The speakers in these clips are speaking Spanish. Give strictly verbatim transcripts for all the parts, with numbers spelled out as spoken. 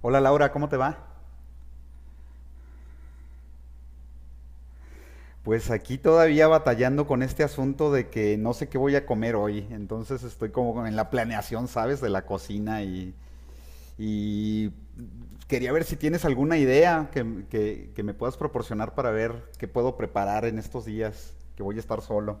Hola Laura, ¿cómo te va? Pues aquí todavía batallando con este asunto de que no sé qué voy a comer hoy, entonces estoy como en la planeación, ¿sabes? De la cocina y, y quería ver si tienes alguna idea que, que- que me puedas proporcionar para ver qué puedo preparar en estos días que voy a estar solo.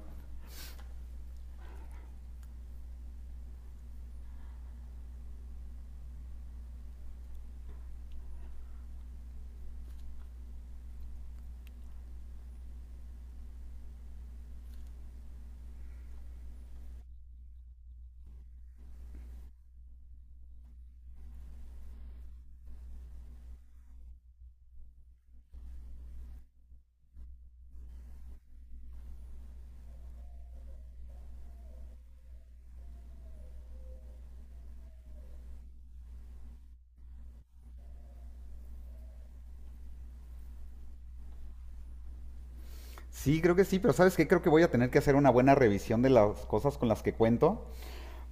Sí, creo que sí, pero ¿sabes qué? Creo que voy a tener que hacer una buena revisión de las cosas con las que cuento,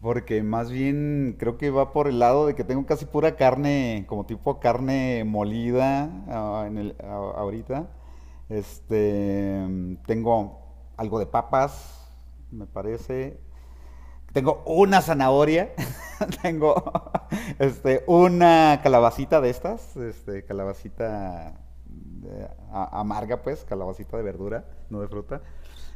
porque más bien creo que va por el lado de que tengo casi pura carne, como tipo carne molida, ah, en el- a- ahorita. Este, Tengo algo de papas, me parece. Tengo una zanahoria, tengo este, una calabacita de estas, este, calabacita de- a- amarga, pues, calabacita de verdura, no de fruta.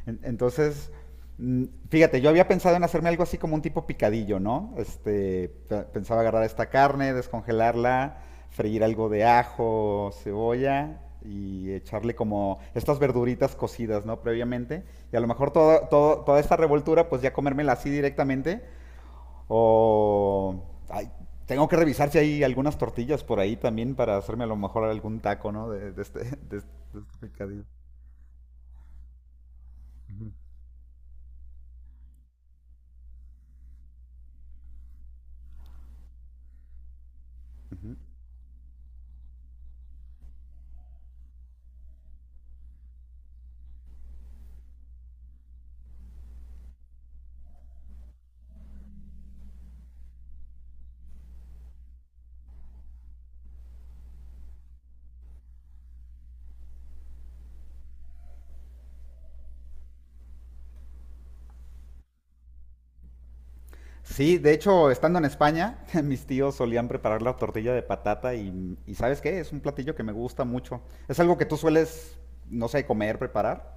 En- Entonces, mm, fíjate, yo había pensado en hacerme algo así como un tipo picadillo, ¿no? Este, pe- pensaba agarrar esta carne, descongelarla, freír algo de ajo, cebolla y echarle como estas verduritas cocidas, ¿no? Previamente. Y a lo mejor todo, todo- toda esta revoltura, pues ya comérmela así directamente. O ay, tengo que revisar si hay algunas tortillas por ahí también para hacerme a lo mejor algún taco, ¿no? De, de este, de este- de este picadillo. Sí, de hecho, estando en España, mis tíos solían preparar la tortilla de patata y, y ¿sabes qué? Es un platillo que me gusta mucho. ¿Es algo que tú sueles, no sé, comer, preparar?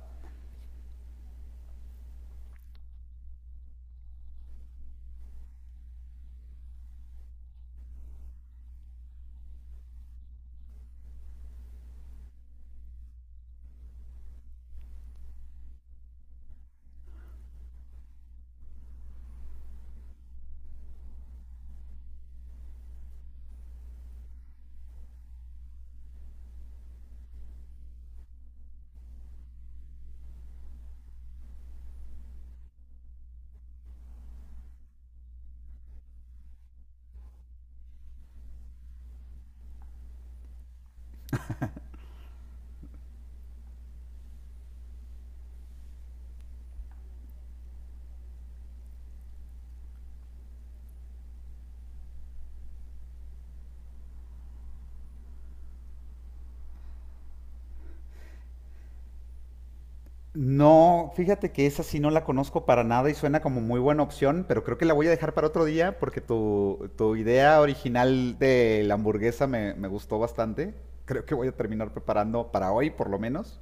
No, fíjate que esa sí no la conozco para nada y suena como muy buena opción, pero creo que la voy a dejar para otro día porque tu, tu idea original de la hamburguesa me, me gustó bastante. Creo que voy a terminar preparando para hoy, por lo menos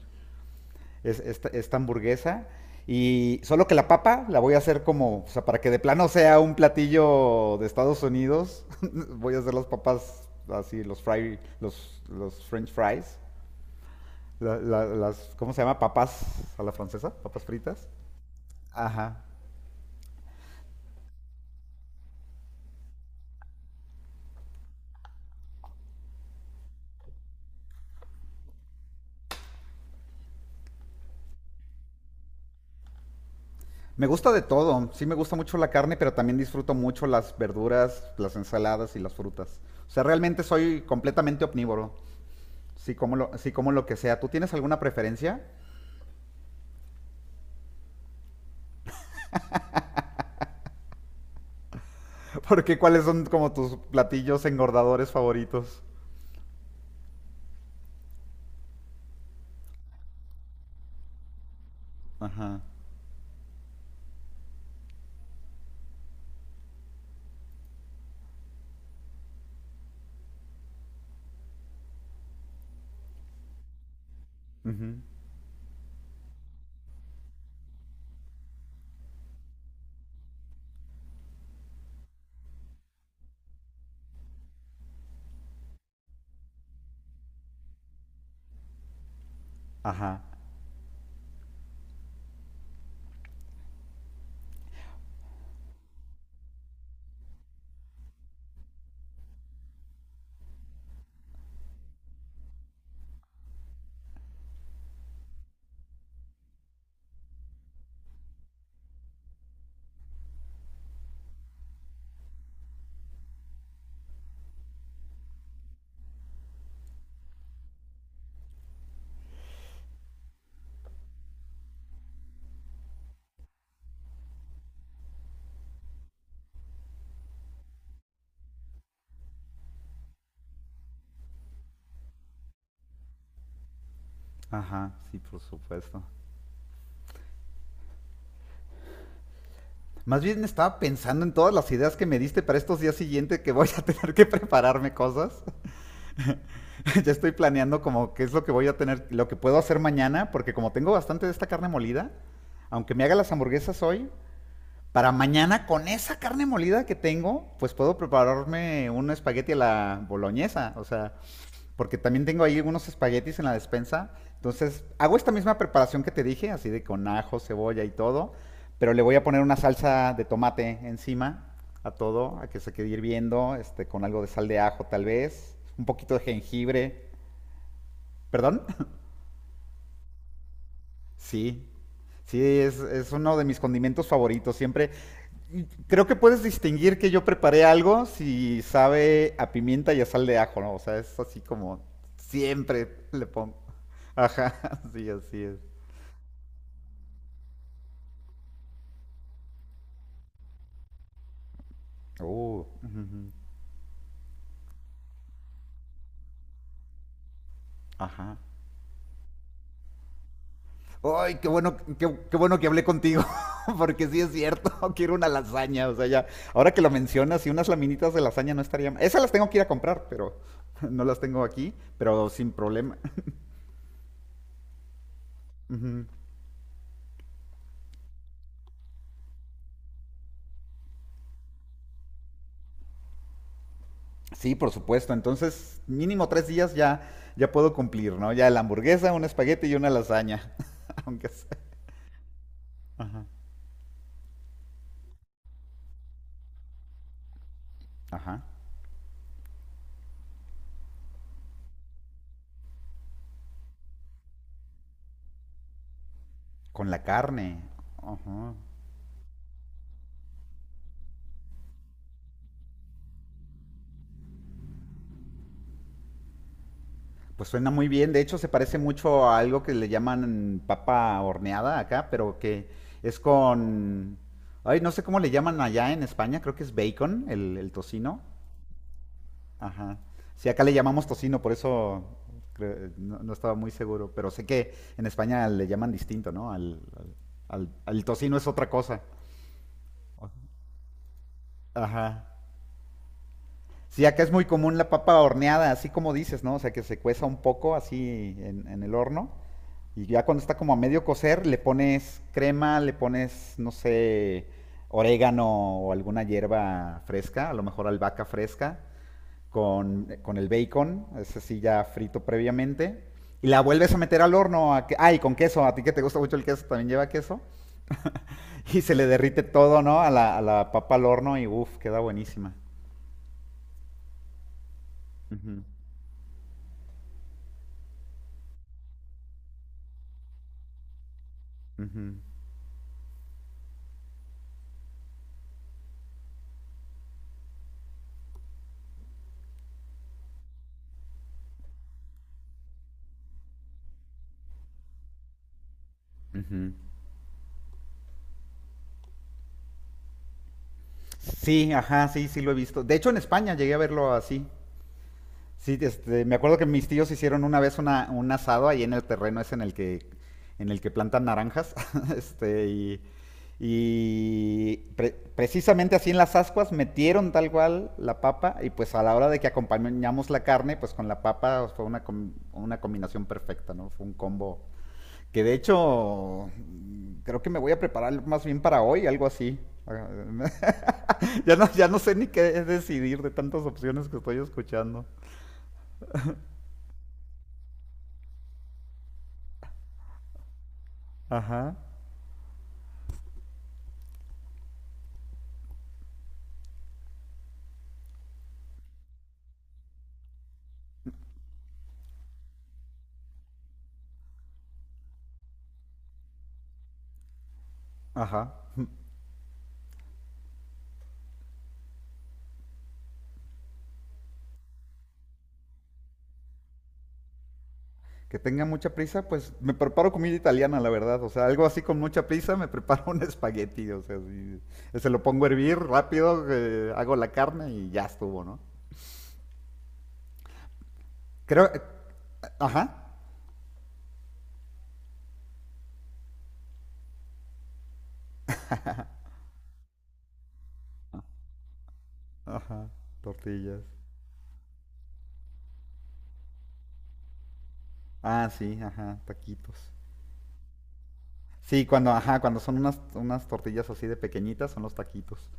es, esta, esta hamburguesa. Y solo que la papa la voy a hacer como, o sea, para que de plano sea un platillo de Estados Unidos, voy a hacer las papas así, los fry, los, los french fries, la- la- las, ¿cómo se llama? Papas a la francesa, papas fritas. Ajá. Me gusta de todo, sí me gusta mucho la carne, pero también disfruto mucho las verduras, las ensaladas y las frutas. O sea, realmente soy completamente omnívoro, sí como lo, sí como lo que sea. ¿Tú tienes alguna preferencia? ¿Porque cuáles son como tus platillos engordadores favoritos? Ajá. Ujú. Ajá. Ajá. Sí, por supuesto. Más bien estaba pensando en todas las ideas que me diste para estos días siguientes que voy a tener que prepararme cosas. Ya estoy planeando como qué es lo que voy a tener, lo que puedo hacer mañana, porque como tengo bastante de esta carne molida, aunque me haga las hamburguesas hoy, para mañana con esa carne molida que tengo, pues puedo prepararme un espagueti a la boloñesa. O sea, porque también tengo ahí unos espaguetis en la despensa. Entonces, hago esta misma preparación que te dije, así de con ajo, cebolla y todo, pero le voy a poner una salsa de tomate encima a todo, a que se quede hirviendo, este, con algo de sal de ajo tal vez, un poquito de jengibre. ¿Perdón? Sí. Sí, es, es uno de mis condimentos favoritos. Siempre. Creo que puedes distinguir que yo preparé algo si sabe a pimienta y a sal de ajo, ¿no? O sea, es así como siempre le pongo. Ajá, sí, así es. Uh, ujú, ajá. Ay, qué bueno, qué, qué bueno que hablé contigo, porque sí es cierto, quiero una lasaña, o sea, ya, ahora que lo mencionas, y unas laminitas de lasaña no estarían, esas las tengo que ir a comprar, pero no las tengo aquí, pero sin problema. Ujú. Sí, por supuesto. Entonces, mínimo tres días ya, ya puedo cumplir, ¿no? Ya la hamburguesa, un espagueti y una lasaña. Aunque sea. Ajá. Ajá. Con la carne. Ajá. Pues suena muy bien. De hecho, se parece mucho a algo que le llaman papa horneada acá, pero que es con. Ay, no sé cómo le llaman allá en España. Creo que es bacon, el, el tocino. Ajá. Sí, acá le llamamos tocino, por eso creo- eh, no, no estaba muy seguro, pero sé que en España le llaman distinto, ¿no? Al, al- al- al tocino es otra cosa. Ajá. Sí, acá es muy común la papa horneada, así como dices, ¿no? O sea, que se cueza un poco así en, en el horno y ya cuando está como a medio cocer le pones crema, le pones, no sé, orégano o alguna hierba fresca, a lo mejor albahaca fresca con, con el bacon, ese sí ya frito previamente. Y la vuelves a meter al horno. A que, ay, con queso. A ti que te gusta mucho el queso, también lleva queso. Y se le derrite todo, ¿no? A la, a la papa al horno y uff, queda buenísima. Ujú, ujú, ujú. Sí, ajá, sí, sí lo he visto. De hecho, en España llegué a verlo así. Sí, este, me acuerdo que mis tíos hicieron una vez una, un asado ahí en el terreno ese en el que, en el que plantan naranjas. este, y y pre- precisamente así en las ascuas metieron tal cual la papa y pues a la hora de que acompañamos la carne, pues con la papa fue una, com- una combinación perfecta, ¿no? Fue un combo que de hecho, mm, creo que me voy a preparar más bien para hoy, algo así. Ya, no, ya no sé ni qué decidir de tantas opciones que estoy escuchando. Ajá, ajá. Que tenga mucha prisa, pues me preparo comida italiana, la verdad. O sea, algo así con mucha prisa, me preparo un espagueti. O sea, sí, Eh, se lo pongo a hervir rápido, eh, hago la carne y ya estuvo, ¿no? Creo, eh, ajá, ajá, tortillas. Ah, sí, ajá, taquitos. Sí, cuando, ajá, cuando son unas, unas tortillas así de pequeñitas, son los taquitos.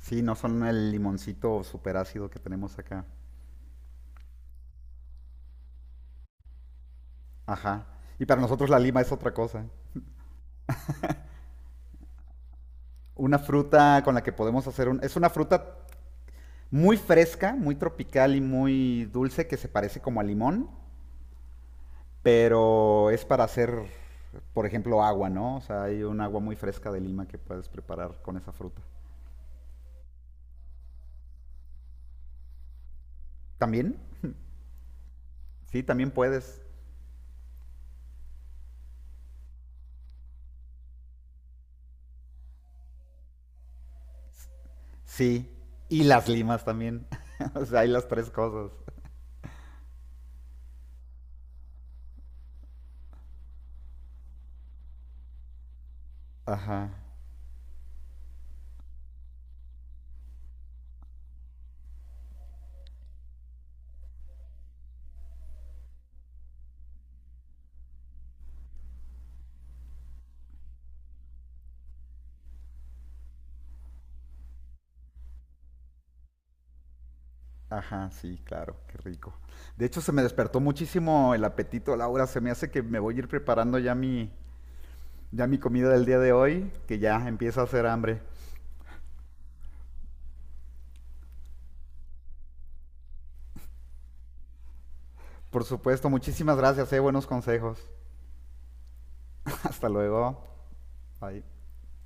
Sí, no son el limoncito súper ácido que tenemos acá. Ajá. Y para nosotros la lima es otra cosa. Una fruta con la que podemos hacer un. Es una fruta muy fresca, muy tropical y muy dulce que se parece como a limón, pero es para hacer, por ejemplo, agua, ¿no? O sea, hay un agua muy fresca de lima que puedes preparar con esa fruta. ¿También? Sí, también puedes. Sí. Y las limas también. O sea, hay las tres cosas. Ajá. Ajá, sí, claro, qué rico. De hecho, se me despertó muchísimo el apetito, Laura. Se me hace que me voy a ir preparando ya mi, ya mi comida del día de hoy, que ya empieza a hacer hambre. Por supuesto, muchísimas gracias, eh, buenos consejos. Hasta luego. Bye.